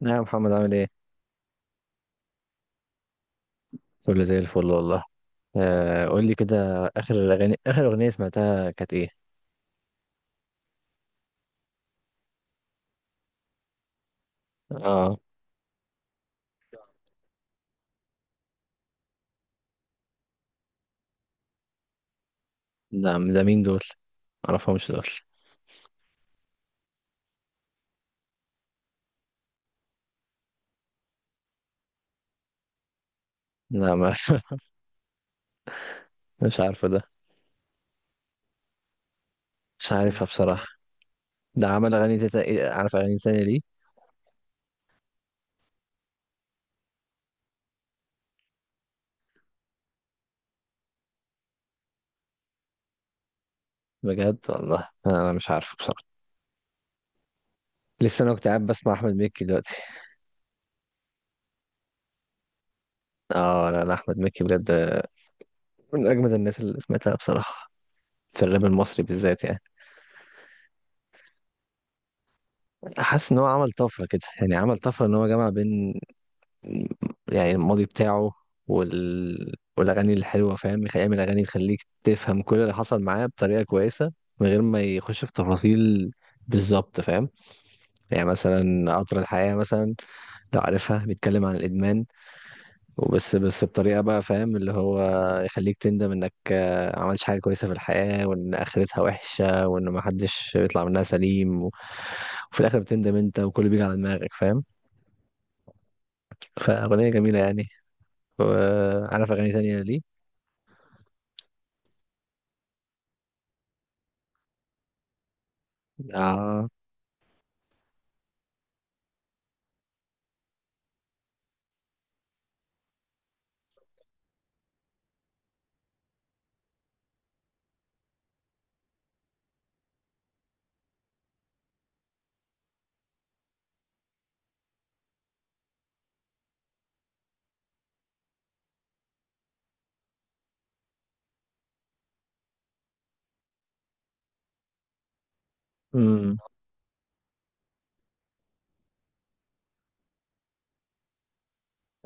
نعم يا محمد عامل ايه؟ كله زي الفل والله. آه، قول لي كده. اخر الاغاني، اخر اغنية سمعتها كانت ايه؟ اه. ده مين دول؟ معرفهمش دول. لا ما. مش عارفه ده. مش عارفها بصراحة. ده عمل اغاني إيه، عارف اغاني تانية ليه؟ بجد والله انا مش عارفه بصراحة. لسه انا كنت قاعد بسمع احمد مكي دلوقتي. اه، لا، احمد مكي بجد من اجمد الناس اللي سمعتها بصراحة، في الراب المصري بالذات يعني. حاسس ان هو عمل طفرة كده، يعني عمل طفرة ان هو جمع بين، يعني الماضي بتاعه والاغاني الحلوه، فاهم، يعمل اغاني تخليك تفهم كل اللي حصل معاه بطريقه كويسه من غير ما يخش في تفاصيل. بالظبط فاهم. يعني مثلا قطر الحياه مثلا، لو عارفها، بيتكلم عن الادمان، وبس بطريقه بقى، فاهم، اللي هو يخليك تندم انك عملتش حاجه كويسه في الحياه، وان اخرتها وحشه، وان ما حدش بيطلع منها سليم وفي الاخر بتندم انت، وكله بيجي على دماغك، فاهم. فاغنيه جميله يعني. وعارف اغاني تانية ليه. اه. امم.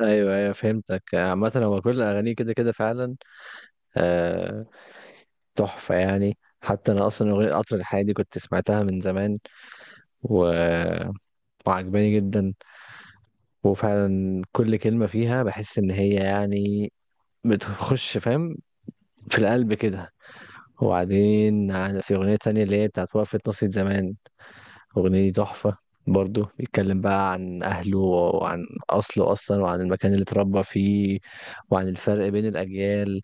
ايوه فهمتك، عامة هو كل اغانيه كده كده فعلا. آه، تحفة يعني. حتى انا اصلا اغنية قطر الحياة دي كنت سمعتها من زمان، و... وعجباني جدا. وفعلا كل كلمة فيها بحس ان هي يعني بتخش، فاهم، في القلب كده. وبعدين في اغنية تانية اللي هي بتاعت وقفة ناصية زمان. أغنية دي تحفة. برضو بيتكلم بقى عن أهله، وعن أصله أصلا، وعن المكان اللي اتربى فيه، وعن الفرق بين الأجيال،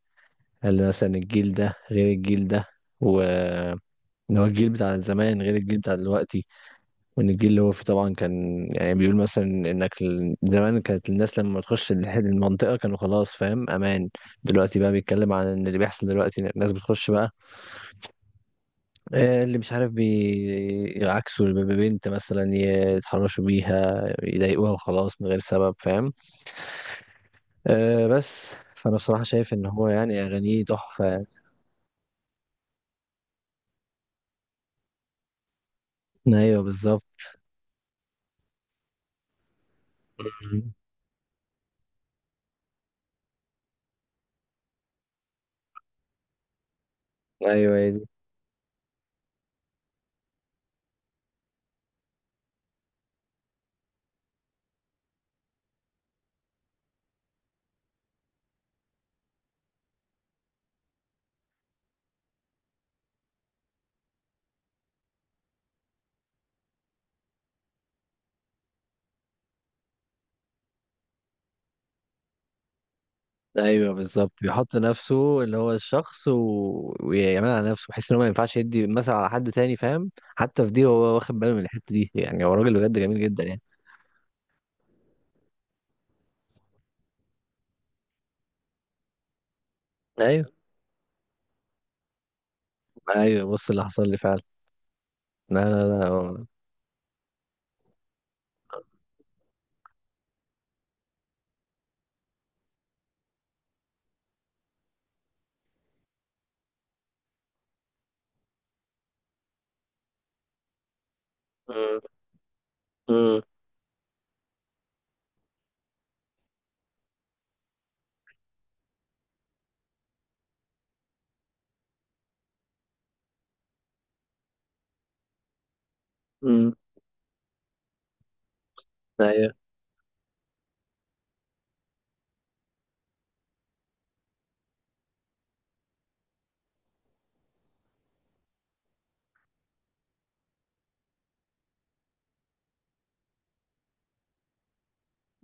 اللي مثلا الجيل ده غير الجيل ده، و إن هو الجيل بتاع زمان غير الجيل بتاع دلوقتي. وإن الجيل اللي هو فيه طبعا، كان يعني بيقول مثلا إنك زمان كانت الناس لما تخش المنطقة، كانوا خلاص، فاهم، أمان. دلوقتي بقى بيتكلم عن إن اللي بيحصل دلوقتي، إن الناس بتخش بقى، آه، اللي مش عارف بيعكسوا البنت مثلا، يتحرشوا بيها، يضايقوها، وخلاص من غير سبب، فاهم. أه بس، فانا بصراحة شايف ان هو يعني اغانيه تحفة. ايوه بالظبط. مم. ايوه هي دي. ايوه بالظبط، بيحط نفسه اللي هو الشخص ويعملها على نفسه، بحيث ان هو ما ينفعش يدي مثلا على حد تاني، فاهم. حتى في دي هو واخد باله من الحتة دي، يعني هو راجل بجد جميل جدا يعني. ايوه ايوه بص اللي حصل لي فعلا. لا مم. مم. مم. ايوه.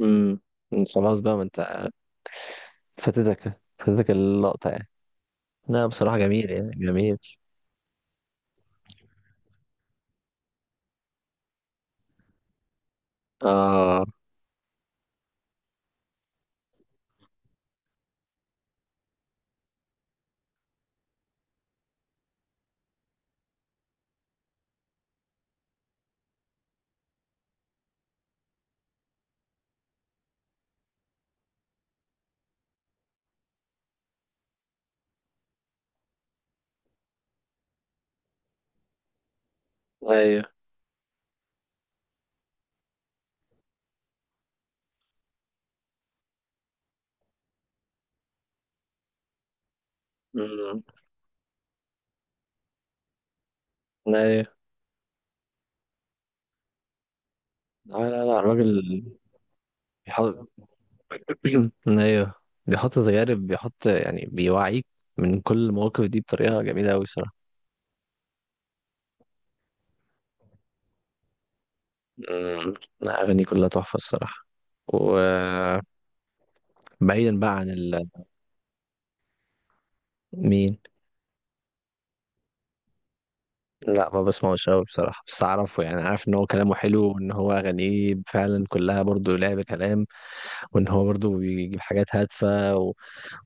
امم. خلاص بقى، ما انت فاتتك اللقطة يعني. لا بصراحة جميل يعني، جميل. اه. ايوه. امم. ايوه. لا الراجل بيحط. ايوه، بيحط تجارب، بيحط يعني، بيوعيك من كل المواقف دي بطريقة جميلة أوي الصراحة. امم. لا، أغاني كلها تحفة الصراحة. وبعيدا بقى عن مين. لا ما بسمعوش قوي بصراحة، بس أعرفه يعني، عارف إن هو كلامه حلو، وإن هو أغانيه فعلا كلها برضو لعب كلام، وإن هو برضو بيجيب حاجات هادفة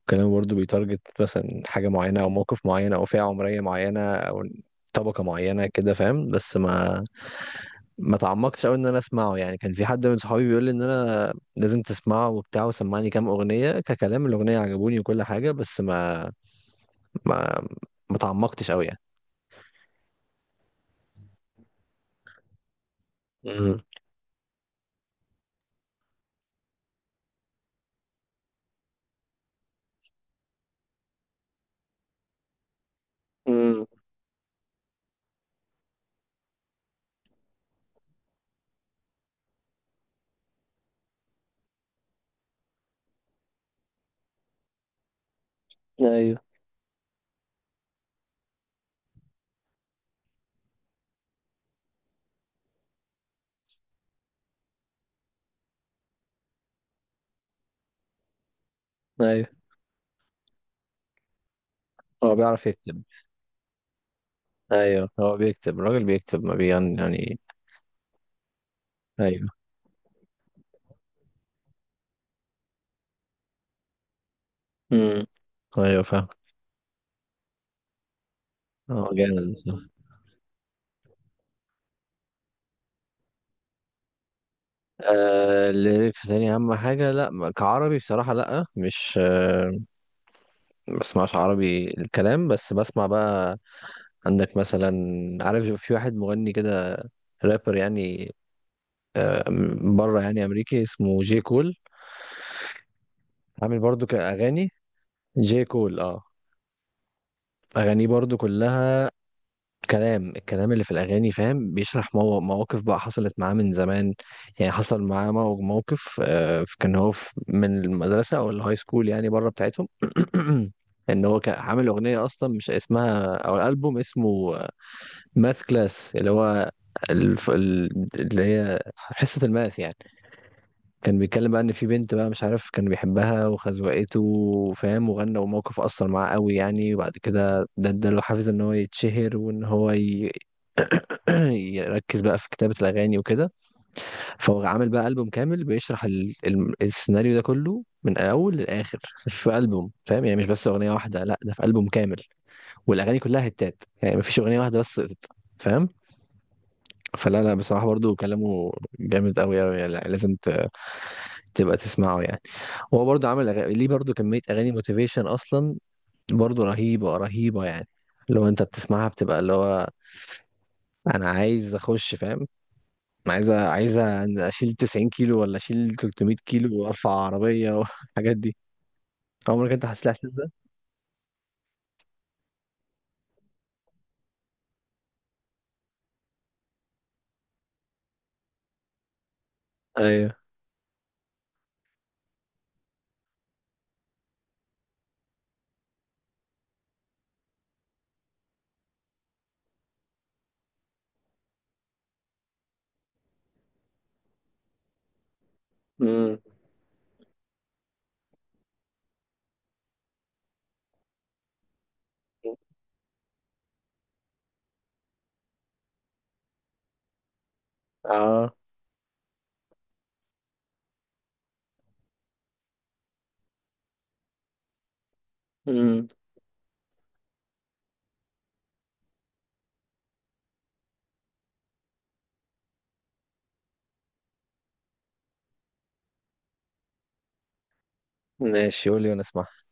وكلامه برضو بيتارجت مثلا حاجة معينة، أو موقف معين، أو فئة عمرية معينة، أو طبقة معينة كده، فاهم. بس ما تعمقتش قوي إن أنا أسمعه يعني. كان في حد من صحابي بيقول لي إن أنا لازم تسمعه وبتاع، وسمعني كام أغنية، ككلام الأغنية عجبوني وكل حاجة، بس ما ما تعمقتش قوي يعني. امم. امم. ايوه. ايوه. هو بيعرف يكتب. ايوه هو بيكتب، الراجل بيكتب ما بيغني يعني. ايوه. امم. ايوه فاهم. اه جامد. آه الليركس تاني اهم حاجه. لا ما- كعربي بصراحه، لا مش آه. ما بسمعش عربي الكلام، بس بسمع بقى. عندك مثلا، عارف في واحد مغني كده، رابر يعني، آه، بره يعني، امريكي، اسمه جي كول. عامل برضو كاغاني. جي كول اه. اغانيه برضو كلها الكلام اللي في الأغاني، فاهم، بيشرح مواقف بقى حصلت معاه من زمان. يعني حصل معاه موقف، آه، كان هو من المدرسة أو الهاي سكول يعني، بره بتاعتهم. إن هو كان عامل أغنية، أصلا مش اسمها أو الألبوم اسمه ماث كلاس، اللي هو اللي هي حصة الماث يعني. كان بيتكلم بقى إن في بنت بقى، مش عارف، كان بيحبها وخزوقته، فاهم، وغنى، وموقف أثر معاه قوي يعني. وبعد كده ده اداله حافز إن هو يتشهر، وإن هو يركز بقى في كتابة الأغاني وكده. فهو عامل بقى ألبوم كامل بيشرح السيناريو ده كله من أول للآخر، في ألبوم، فاهم يعني، مش بس أغنية واحدة، لا ده في ألبوم كامل. والأغاني كلها هتات يعني، مفيش أغنية واحدة بس سقطت، فاهم. فلا لا بصراحة، برضو كلامه جامد أوي أوي يعني. لا، لازم تبقى تسمعه يعني. هو برضو عامل ليه برضو كمية أغاني موتيفيشن أصلا، برضو رهيبة رهيبة يعني. لو أنت بتسمعها بتبقى اللي هو أنا عايز أخش، فاهم. انا عايزه اشيل 90 كيلو، ولا اشيل 300 كيلو، وارفع عربيه والحاجات دي. عمرك انت حاسس الاحساس ده. ايوه. امم. اه. امم. ماشي قول لي وانا اسمع.